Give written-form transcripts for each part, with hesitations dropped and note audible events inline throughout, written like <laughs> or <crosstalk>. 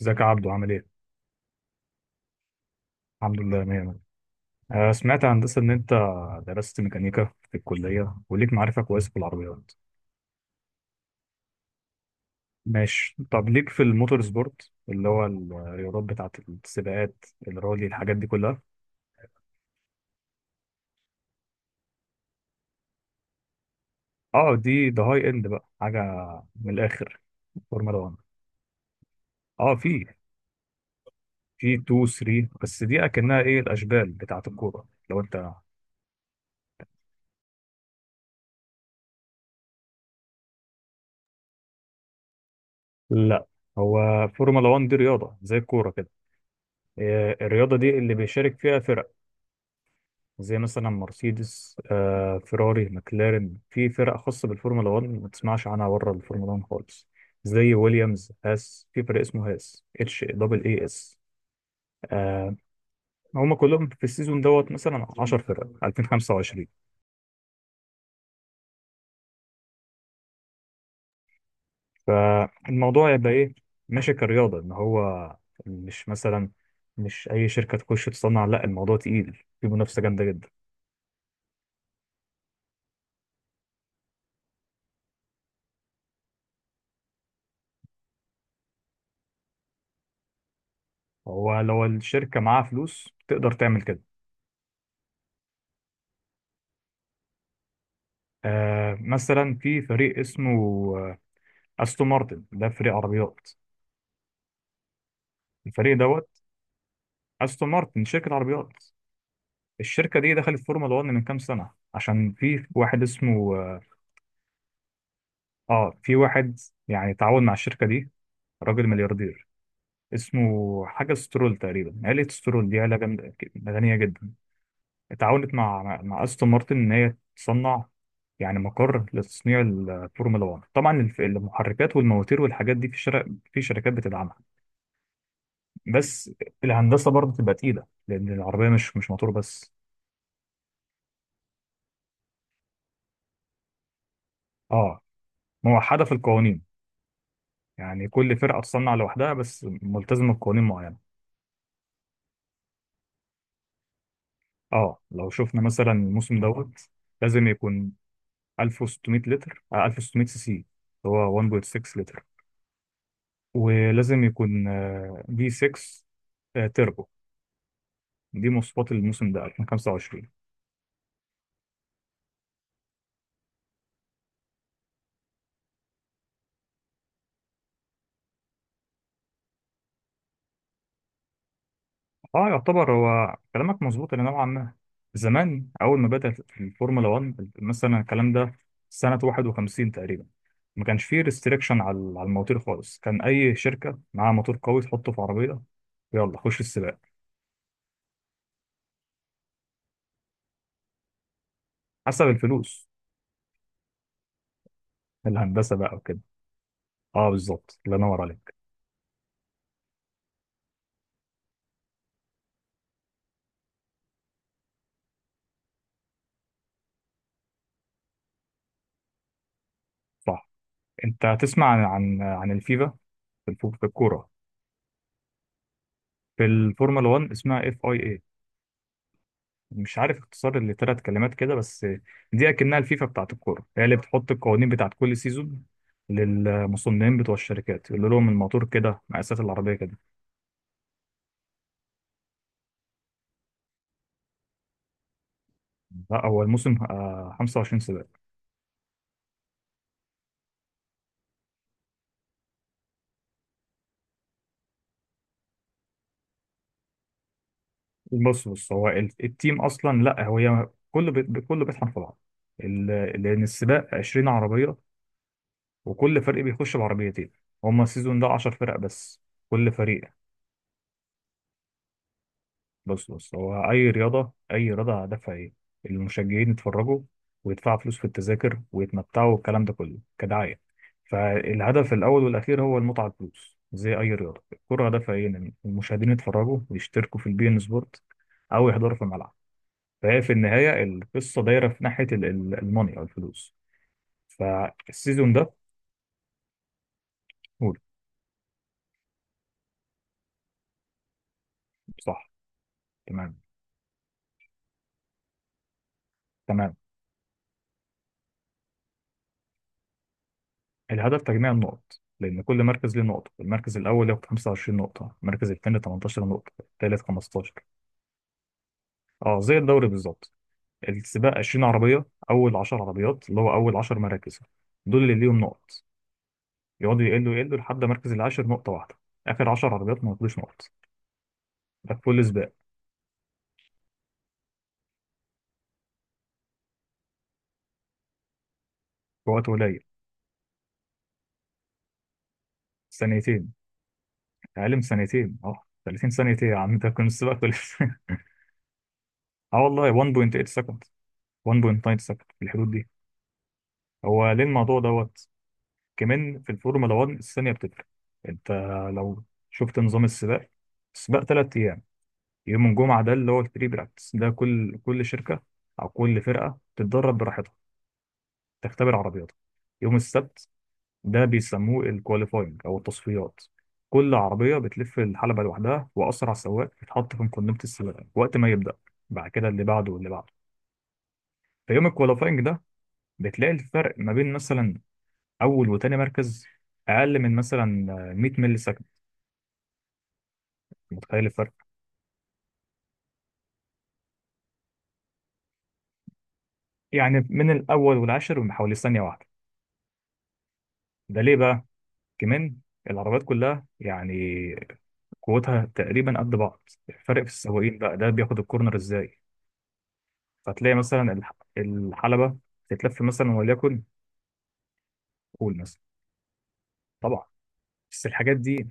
ازيك يا عبدو؟ عامل ايه؟ الحمد لله، مية مية. سمعت يا هندسة إن أنت درست ميكانيكا في الكلية وليك معرفة كويسة في العربيات. ماشي، طب ليك في الموتور سبورت اللي هو الرياضات بتاعة السباقات، الرالي، الحاجات دي كلها؟ اه، دي ده هاي اند بقى، حاجة من الآخر. فورمولا 1. اه، في 2 3، بس دي أكنها ايه، الأشبال بتاعة الكورة، لو أنت. لا، هو فورمولا 1 دي رياضة زي الكورة كده. الرياضة دي اللي بيشارك فيها فرق، زي مثلا مرسيدس، فيراري، مclaren. في فرق خاصة بالفورمولا 1 ما تسمعش عنها بره الفورمولا 1 خالص، زي ويليامز، هاس. في فرق اسمه هاس، HAAS. آه. هم كلهم في السيزون دوت، مثلا 10 فرق، 2025. فالموضوع يبقى ايه؟ ماشي كرياضة، ان هو مش مثلا، مش اي شركة تخش تصنع، لا الموضوع تقيل، في منافسة جامدة جدا. هو لو الشركة معاها فلوس تقدر تعمل كده. آه، مثلا في فريق اسمه استون مارتن، ده فريق عربيات. الفريق دوت، استون مارتن شركه عربيات. الشركه دي دخلت فورمولا 1 من كام سنه، عشان في واحد اسمه، اه في واحد يعني تعاون مع الشركه دي، راجل ملياردير، اسمه حاجه سترول تقريبا. عيله سترول دي عيله جامده، غنيه جدا. اتعاونت مع استون مارتن ان هي تصنع يعني مقر لتصنيع الفورمولا 1. طبعا المحركات والمواتير والحاجات دي في في شركات بتدعمها، بس الهندسه برضه بتبقى تقيله، لان العربيه مش موتور بس. اه، موحده في القوانين، يعني كل فرقه تصنع لوحدها، بس ملتزمه بقوانين معينه. اه، لو شفنا مثلا الموسم دوت، لازم يكون 1600 لتر، آه 1600 سي سي، هو 1.6 لتر. ولازم يكون في 6 تربو. دي مواصفات الموسم ده 2025. اه يعتبر، هو كلامك مظبوط الى نوعا ما. زمان اول ما بدات الفورمولا 1، مثلا الكلام ده سنه 51 تقريبا، ما كانش فيه ريستريكشن على المواتير خالص. كان اي شركه معاها موتور قوي تحطه في عربيه، يلا خش السباق. حسب الفلوس، الهندسه بقى وكده. اه بالظبط، الله ينور عليك. صح، انت هتسمع عن الفيفا في الكوره. في الفورمولا 1 اسمها FIA، مش عارف اختصار لثلاث كلمات كده بس. دي اكنها الفيفا بتاعت الكوره، هي اللي بتحط القوانين بتاعت كل سيزون للمصنعين بتوع الشركات، يقول لهم الموتور كده، مقاسات العربيه كده. لا، هو الموسم 25 سباق. بص بص، هو التيم اصلا، لا هو هي كله كله بيطحن في بعض. ال-، لان السباق 20 عربيه، وكل فريق بيخش بعربيتين. هما السيزون ده 10 فرق بس، كل فريق. بص بص، هو اي رياضه، اي رياضه هدفها ايه؟ المشجعين يتفرجوا ويدفعوا فلوس في التذاكر ويتمتعوا، والكلام ده كله كدعايه. فالهدف الاول والاخير هو المتعه، الفلوس. زي اي رياضه، الكره هدفها ايه؟ ان المشاهدين يتفرجوا ويشتركوا في البي ان سبورت او يحضروا في الملعب. فهي في النهايه القصه دايره في ناحيه الموني او الفلوس. فالسيزون ده، قول. صح. تمام، تمام. الهدف تجميع النقط، لأن كل مركز ليه نقطة. المركز الأول ياخد 25 نقطة، المركز الثاني 18 نقطة، الثالث 15. اه زي الدوري بالظبط. السباق 20 عربية، أول 10 عربيات اللي هو أول 10 مراكز، دول اللي ليهم نقط. يقعدوا يقلوا يقلوا لحد مركز العاشر نقطة واحدة. آخر 10 عربيات ما ياخدوش نقط، ده في كل سباق. في وقت قليل. ثانيتين. أقل من ثانيتين، اه. 30 ثانية إيه يا عم، ده كان السباق خلص! <laughs> اه والله. 1.8 سكند، 1.9 سكند، في الحدود دي. هو ليه الموضوع دوت؟ كمان في الفورمولا 1 الثانية بتفرق. انت لو شفت نظام السباق، السباق ثلاث ايام. يوم الجمعة ده اللي هو البري براكتس، ده كل كل شركة او كل فرقة تتدرب براحتها، تختبر عربياتها. يوم السبت، ده بيسموه الكواليفاينج او التصفيات. كل عربية بتلف الحلبة لوحدها، وأسرع سواق بيتحط في مقدمة السباق وقت ما يبدأ، بعد كده اللي بعده واللي بعده. في يوم الكواليفاينج ده، بتلاقي الفرق ما بين مثلا أول وتاني مركز أقل من مثلا 100 ملي. متخيل الفرق؟ يعني من الاول والعاشر بحوالي ثانيه واحده. ده ليه بقى؟ كمان العربيات كلها يعني قوتها تقريبا قد بعض، الفرق في السواقين بقى، ده بياخد الكورنر ازاي. فتلاقي مثلا الحلبه تتلف مثلا، وليكن، قول مثلا، طبعا. بس الحاجات دي،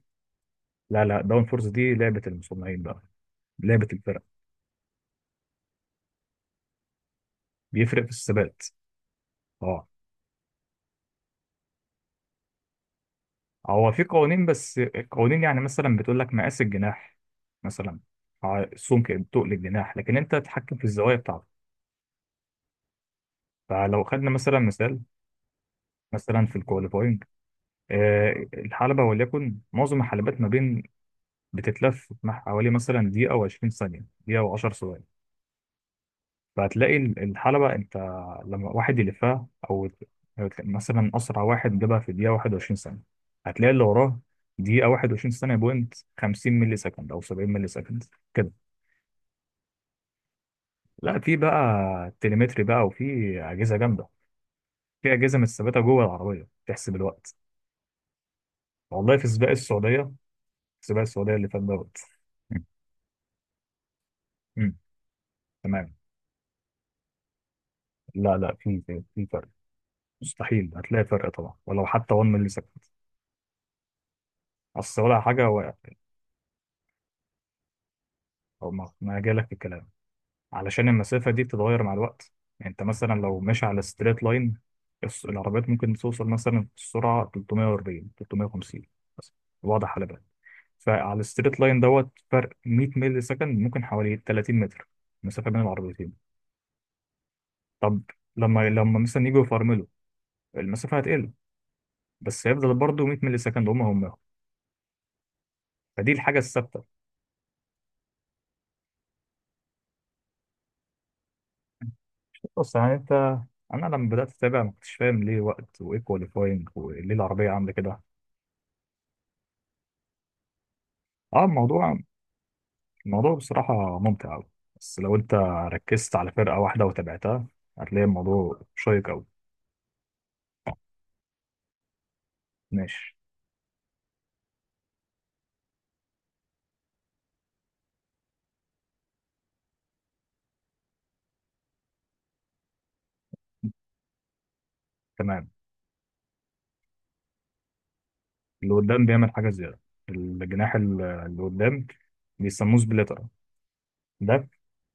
لا لا، داون فورس دي لعبه المصنعين بقى، لعبه الفرق. بيفرق في الثبات. اه، هو في قوانين، بس القوانين يعني مثلا بتقول لك مقاس الجناح مثلا، السمك تقل الجناح، لكن انت تتحكم في الزوايا بتاعته. فلو خدنا مثلا مثال، مثلا في الكواليفاينج، الحلبة وليكن، معظم الحلبات ما بين، بتتلف مع حوالي مثلا دقيقة و20 ثانية، دقيقة و10 ثواني. فهتلاقي الحلبة، انت لما واحد يلفها، او مثلا اسرع واحد جابها في دقيقة 21 ثانية، هتلاقي اللي وراه دقيقة 21 ثانية بوينت 50 ملي سكند او 70 ملي سكند كده. لا، في بقى تليمتري بقى، وفي أجهزة جامدة، في أجهزة متثبتة جوه العربية تحسب الوقت. والله في سباق السعودية، السباق السعودية اللي فات دوت. مم. مم. تمام. لا لا، في في في فرق، مستحيل. هتلاقي فرق طبعا، ولو حتى 1 مللي سكند. اصل ولا حاجه وقعت، او ما ما جالك في الكلام. علشان المسافه دي بتتغير مع الوقت. يعني انت مثلا لو ماشي على ستريت لاين، العربيات ممكن توصل مثلا السرعه 340، 350، بس. واضح على بالك؟ فعلى الستريت لاين دوت، فرق 100 مللي سكند ممكن حوالي 30 متر مسافه بين العربيتين. طب لما مثلا يجوا يفرملوا، المسافه هتقل، بس هيفضل برضه 100 مللي سكند، هم. فدي الحاجه الثابته. بص يعني انت، انا لما بدات اتابع ما كنتش فاهم ليه وقت، وايه كواليفاينج، وليه العربيه عامله كده. اه، الموضوع، الموضوع بصراحه ممتع قوي. بس لو انت ركزت على فرقه واحده وتابعتها، هتلاقي الموضوع شيق قوي. ماشي. تمام. اللي قدام بيعمل حاجه زياده، الجناح اللي قدام، بيسموه سبليتر. ده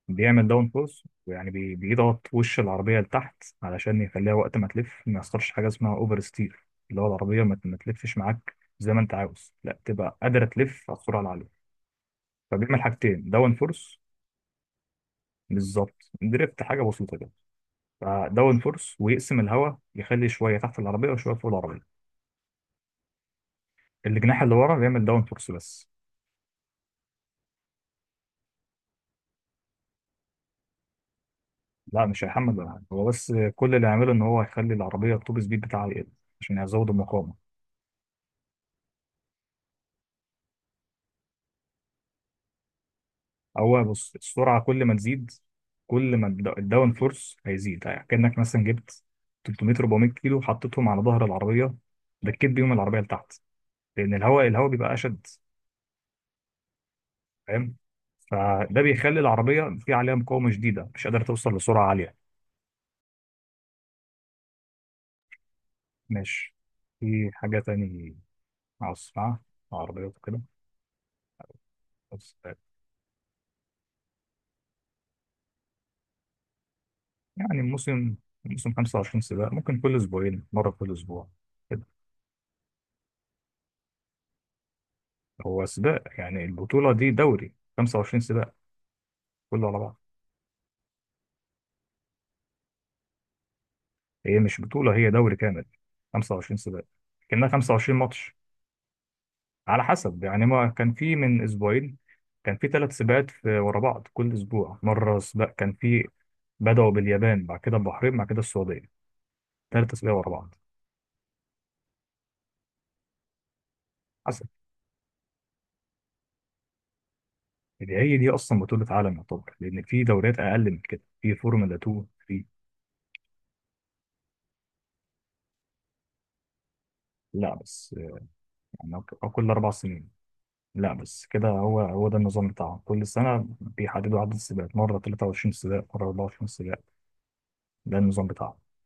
بيعمل داون فورس، ويعني بيضغط وش العربية لتحت، علشان يخليها وقت ما تلف ما يحصلش حاجة اسمها اوفر ستير، اللي هو العربية ما ما تلفش معاك زي ما انت عاوز، لا تبقى قادرة تلف على السرعة العالية. فبيعمل حاجتين، داون فورس. بالظبط، دريفت حاجة بسيطة كده. فداون فورس، ويقسم الهواء، يخلي شوية تحت العربية وشوية فوق العربية. الجناح اللي ورا بيعمل داون فورس بس. لا، مش هيحمل ولا حاجة. هو بس كل اللي يعمله ان هو يخلي العربية التوب سبيد بتاعها يقل، عشان يزود المقاومة. هو، بص، السرعة كل ما تزيد، كل ما الداون فورس هيزيد. يعني كأنك مثلا جبت 300، 400 كيلو حطيتهم على ظهر العربية، دكيت بيهم العربية لتحت، لأن الهواء بيبقى أشد. فاهم؟ فده بيخلي العربية في عليها مقاومة شديدة، مش قادرة توصل لسرعة عالية. ماشي، في حاجة تاني عاوز أسمعها، عربيات وكده، بس. يعني الموسم 25 سباق، ممكن كل أسبوعين مرة، كل أسبوع كده. هو سباق، يعني البطولة دي دوري 25 سباق كله على بعض. هي مش بطولة، هي دوري كامل 25 سباق، كأنها 25 ماتش. على حسب، يعني ما كان في من أسبوعين كان في ثلاث سباقات ورا بعض، كل أسبوع مرة سباق كان في. بدأوا باليابان، بعد كده البحرين، بعد كده السعودية، ثلاث سباقات ورا بعض. حسب، اللي هي دي أصلا بطولة عالم يعتبر، لأن في دوريات أقل من كده، في فورمولا 2، في. لا بس يعني، أو كل أربع سنين، لا بس كده هو، هو ده النظام بتاعهم. كل سنة بيحددوا عدد السباقات، مرة 23 سباق، مرة 24 سباق، ده النظام بتاعه.